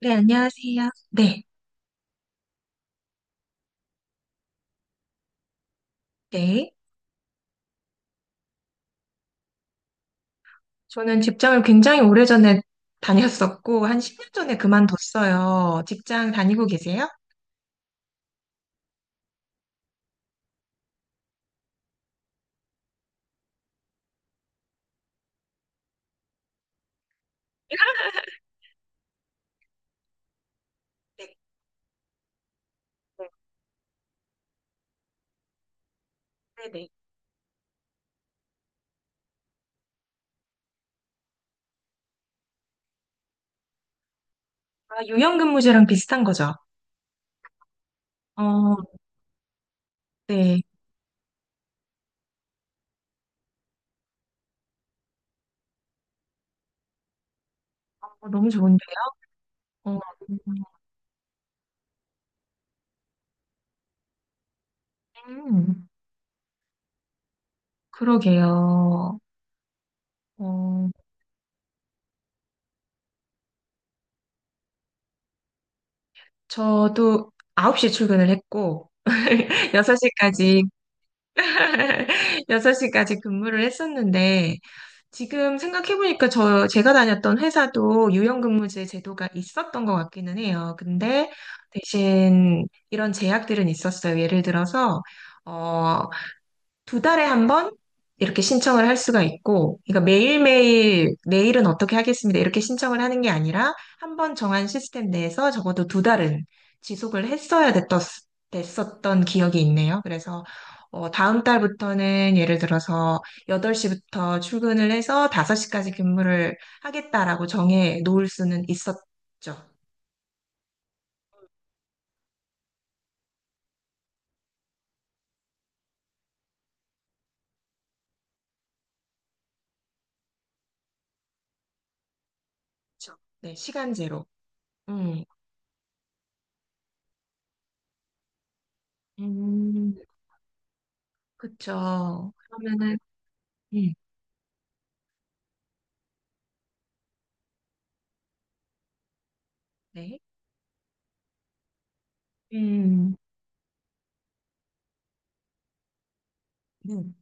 네, 안녕하세요. 네, 네. 저는 직장을 굉장히 오래전에 다녔었고, 한 10년 전에 그만뒀어요. 직장 다니고 계세요? 네, 네, 네. 네. 아, 유연근무제랑 비슷한 거죠? 어, 네. 너무 좋은데요? 어. 음. 그러게요. 어, 저도 9시 출근을 했고, 6시까지 6시까지 근무를 했었는데, 지금 생각해보니까 제가 다녔던 회사도 유연근무제 제도가 있었던 것 같기는 해요. 근데 대신 이런 제약들은 있었어요. 예를 들어서, 어, 두 달에 한 번 이렇게 신청을 할 수가 있고, 그러니까 매일매일 내일은 어떻게 하겠습니다, 이렇게 신청을 하는 게 아니라 한 번 정한 시스템 내에서 적어도 두 달은 지속을 됐었던 기억이 있네요. 그래서 다음 달부터는 예를 들어서 8시부터 출근을 해서 5시까지 근무를 하겠다라고 정해 놓을 수는 있었죠. 그쵸. 네, 시간제로. 음. 음. 그쵸. 그러면은, 음. 네. 음. 음.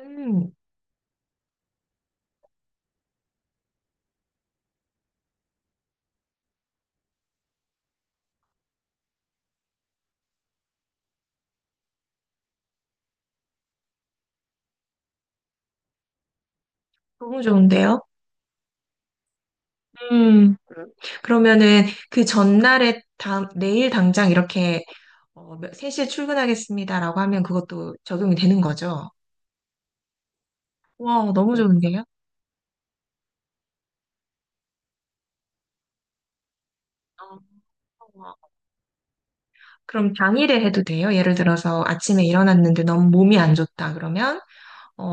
음. 너무 좋은데요? 음. 그러면은 그 전날에 내일 당장 이렇게 어, 3시에 출근하겠습니다라고 하면 그것도 적용이 되는 거죠? 와, 너무 네. 좋은데요? 어. 어. 그럼 당일에 해도 돼요? 예를 들어서 아침에 일어났는데 너무 몸이 안 좋다 그러면 어,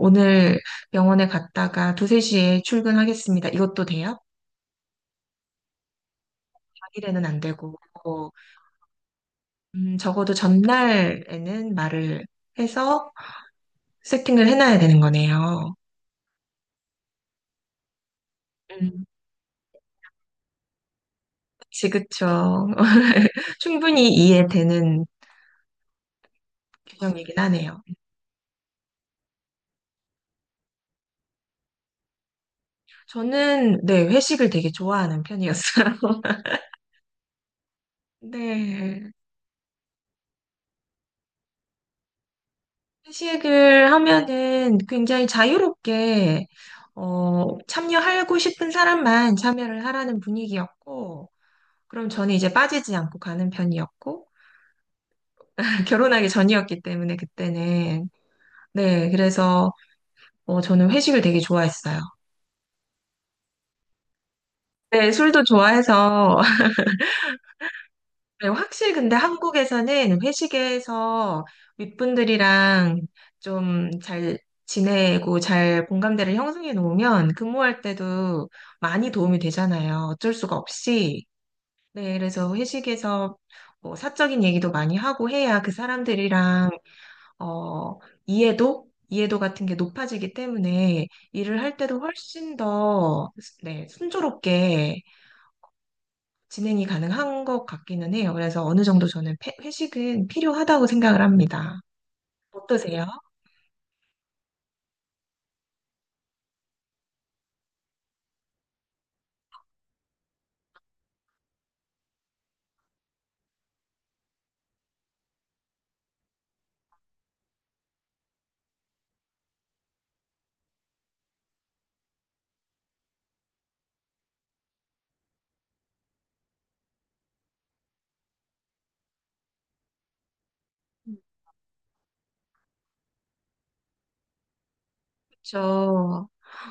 오늘 병원에 갔다가 2, 3시에 출근하겠습니다, 이것도 돼요? 당일에는 안 되고 어, 적어도 전날에는 말을 해서 세팅을 해놔야 되는 거네요. 음. 그치, 그쵸. 충분히 이해되는 규정이긴 하네요. 저는, 네, 회식을 되게 좋아하는 편이었어요. 네. 회식을 하면은 굉장히 자유롭게, 참여하고 싶은 사람만 참여를 하라는 분위기였고, 그럼 저는 이제 빠지지 않고 가는 편이었고, 결혼하기 전이었기 때문에 그때는. 네, 그래서, 어, 저는 회식을 되게 좋아했어요. 네, 술도 좋아해서 네, 확실히 근데 한국에서는 회식에서 윗분들이랑 좀 잘 지내고 잘 공감대를 형성해 놓으면 근무할 때도 많이 도움이 되잖아요. 어쩔 수가 없이. 네, 그래서 회식에서 뭐 사적인 얘기도 많이 하고 해야 그 사람들이랑, 어, 이해도? 이해도 같은 게 높아지기 때문에 일을 할 때도 훨씬 더, 네, 순조롭게 진행이 가능한 것 같기는 해요. 그래서 어느 정도 저는 회식은 필요하다고 생각을 합니다. 어떠세요? 그렇죠.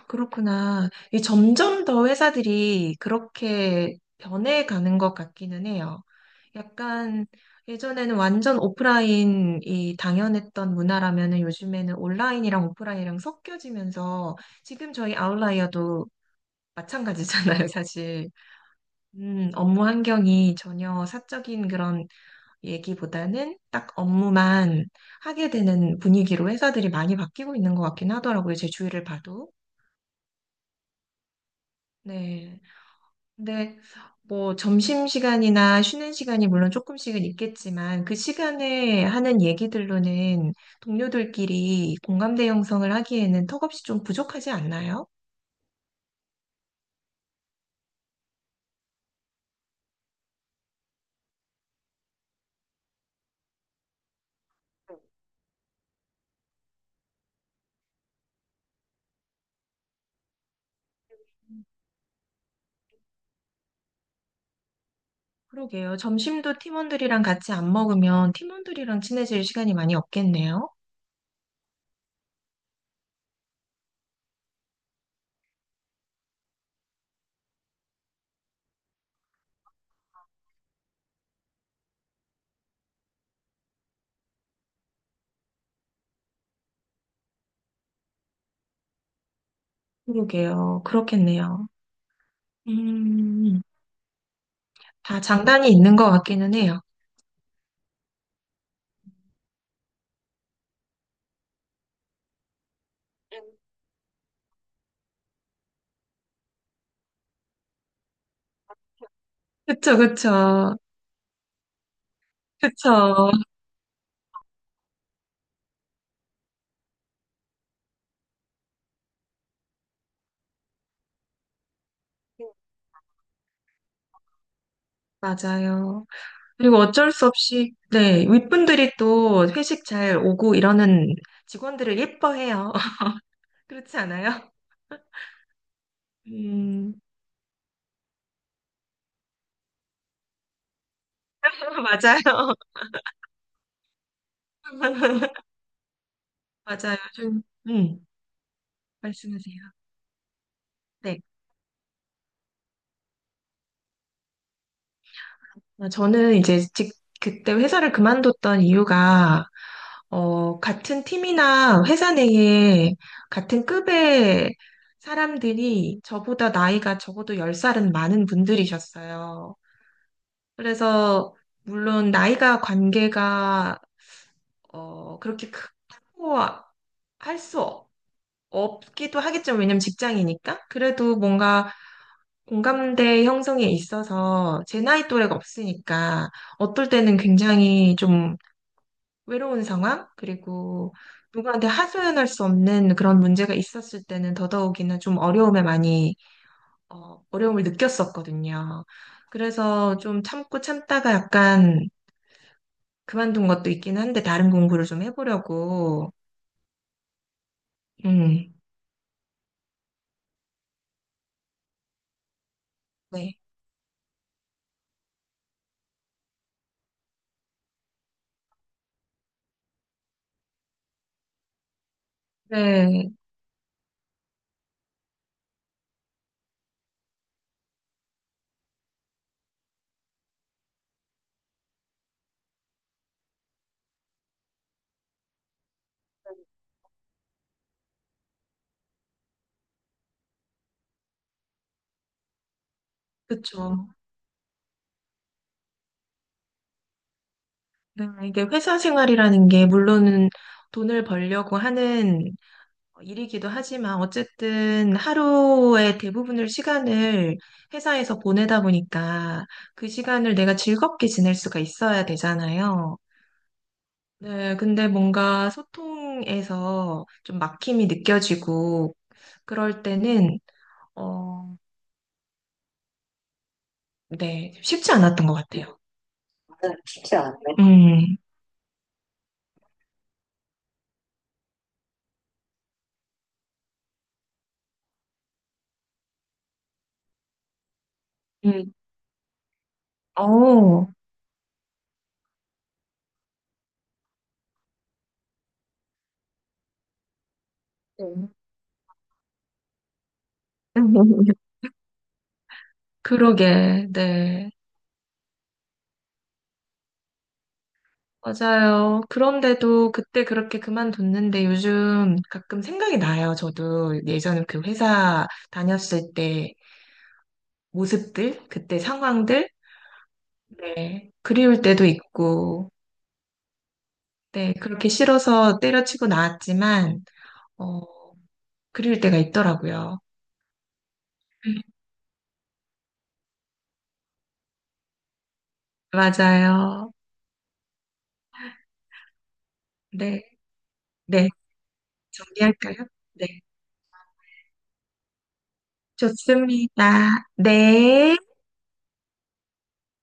그렇구나. 이 점점 더 회사들이 그렇게 변해가는 것 같기는 해요. 약간 예전에는 완전 오프라인이 당연했던 문화라면은 요즘에는 온라인이랑 오프라인이랑 섞여지면서 지금 저희 아웃라이어도 마찬가지잖아요, 사실. 업무 환경이 전혀 사적인 그런 얘기보다는 딱 업무만 하게 되는 분위기로 회사들이 많이 바뀌고 있는 것 같긴 하더라고요. 제 주위를 봐도. 네. 근데 뭐 점심시간이나 쉬는 시간이 물론 조금씩은 있겠지만 그 시간에 하는 얘기들로는 동료들끼리 공감대 형성을 하기에는 턱없이 좀 부족하지 않나요? 그러게요. 점심도 팀원들이랑 같이 안 먹으면 팀원들이랑 친해질 시간이 많이 없겠네요. 그러게요. 그렇겠네요. 음. 다 장단이 있는 것 같기는 해요. 음. 그쵸, 그쵸. 그쵸. 음. 맞아요. 그리고 어쩔 수 없이, 네, 윗분들이 또 회식 잘 오고 이러는 직원들을 예뻐해요. 그렇지 않아요? 음. 맞아요. 맞아요. 좀, 음, 말씀하세요. 네. 아, 저는 이제 그때 회사를 그만뒀던 이유가, 어, 같은 팀이나 회사 내에 같은 급의 사람들이 저보다 나이가 적어도 10살은 많은 분들이셨어요. 그래서, 물론 나이가 관계가, 어, 그렇게 크고 할 수 없기도 하겠죠. 왜냐면 직장이니까. 그래도 뭔가 공감대 형성에 있어서 제 나이 또래가 없으니까 어떨 때는 굉장히 좀 외로운 상황, 그리고 누구한테 하소연할 수 없는 그런 문제가 있었을 때는 더더욱이나 좀 어, 어려움을 느꼈었거든요. 그래서 좀 참고 참다가 약간 그만둔 것도 있긴 한데 다른 공부를 좀 해보려고, 음, 네. 네, 그쵸. 네, 이게 회사 생활이라는 게 물론은 돈을 벌려고 하는 어, 일이기도 하지만 어쨌든 하루의 대부분을 시간을 회사에서 보내다 보니까 그 시간을 내가 즐겁게 지낼 수가 있어야 되잖아요. 네, 근데 뭔가 소통에서 좀 막힘이 느껴지고 그럴 때는 어, 네, 쉽지 않았던 것 같아요. 네, 쉽지 않네. 음. 음. 어. 네. 그러게, 네. 맞아요. 그런데도 그때 그렇게 그만뒀는데 요즘 가끔 생각이 나요. 저도 예전에 그 회사 다녔을 때 모습들, 그때 상황들, 네. 그리울 때도 있고, 네. 그렇게 싫어서 때려치고 나왔지만, 어, 그리울 때가 있더라고요. 음, 맞아요. 네. 네. 정리할까요? 네. 좋습니다. 네.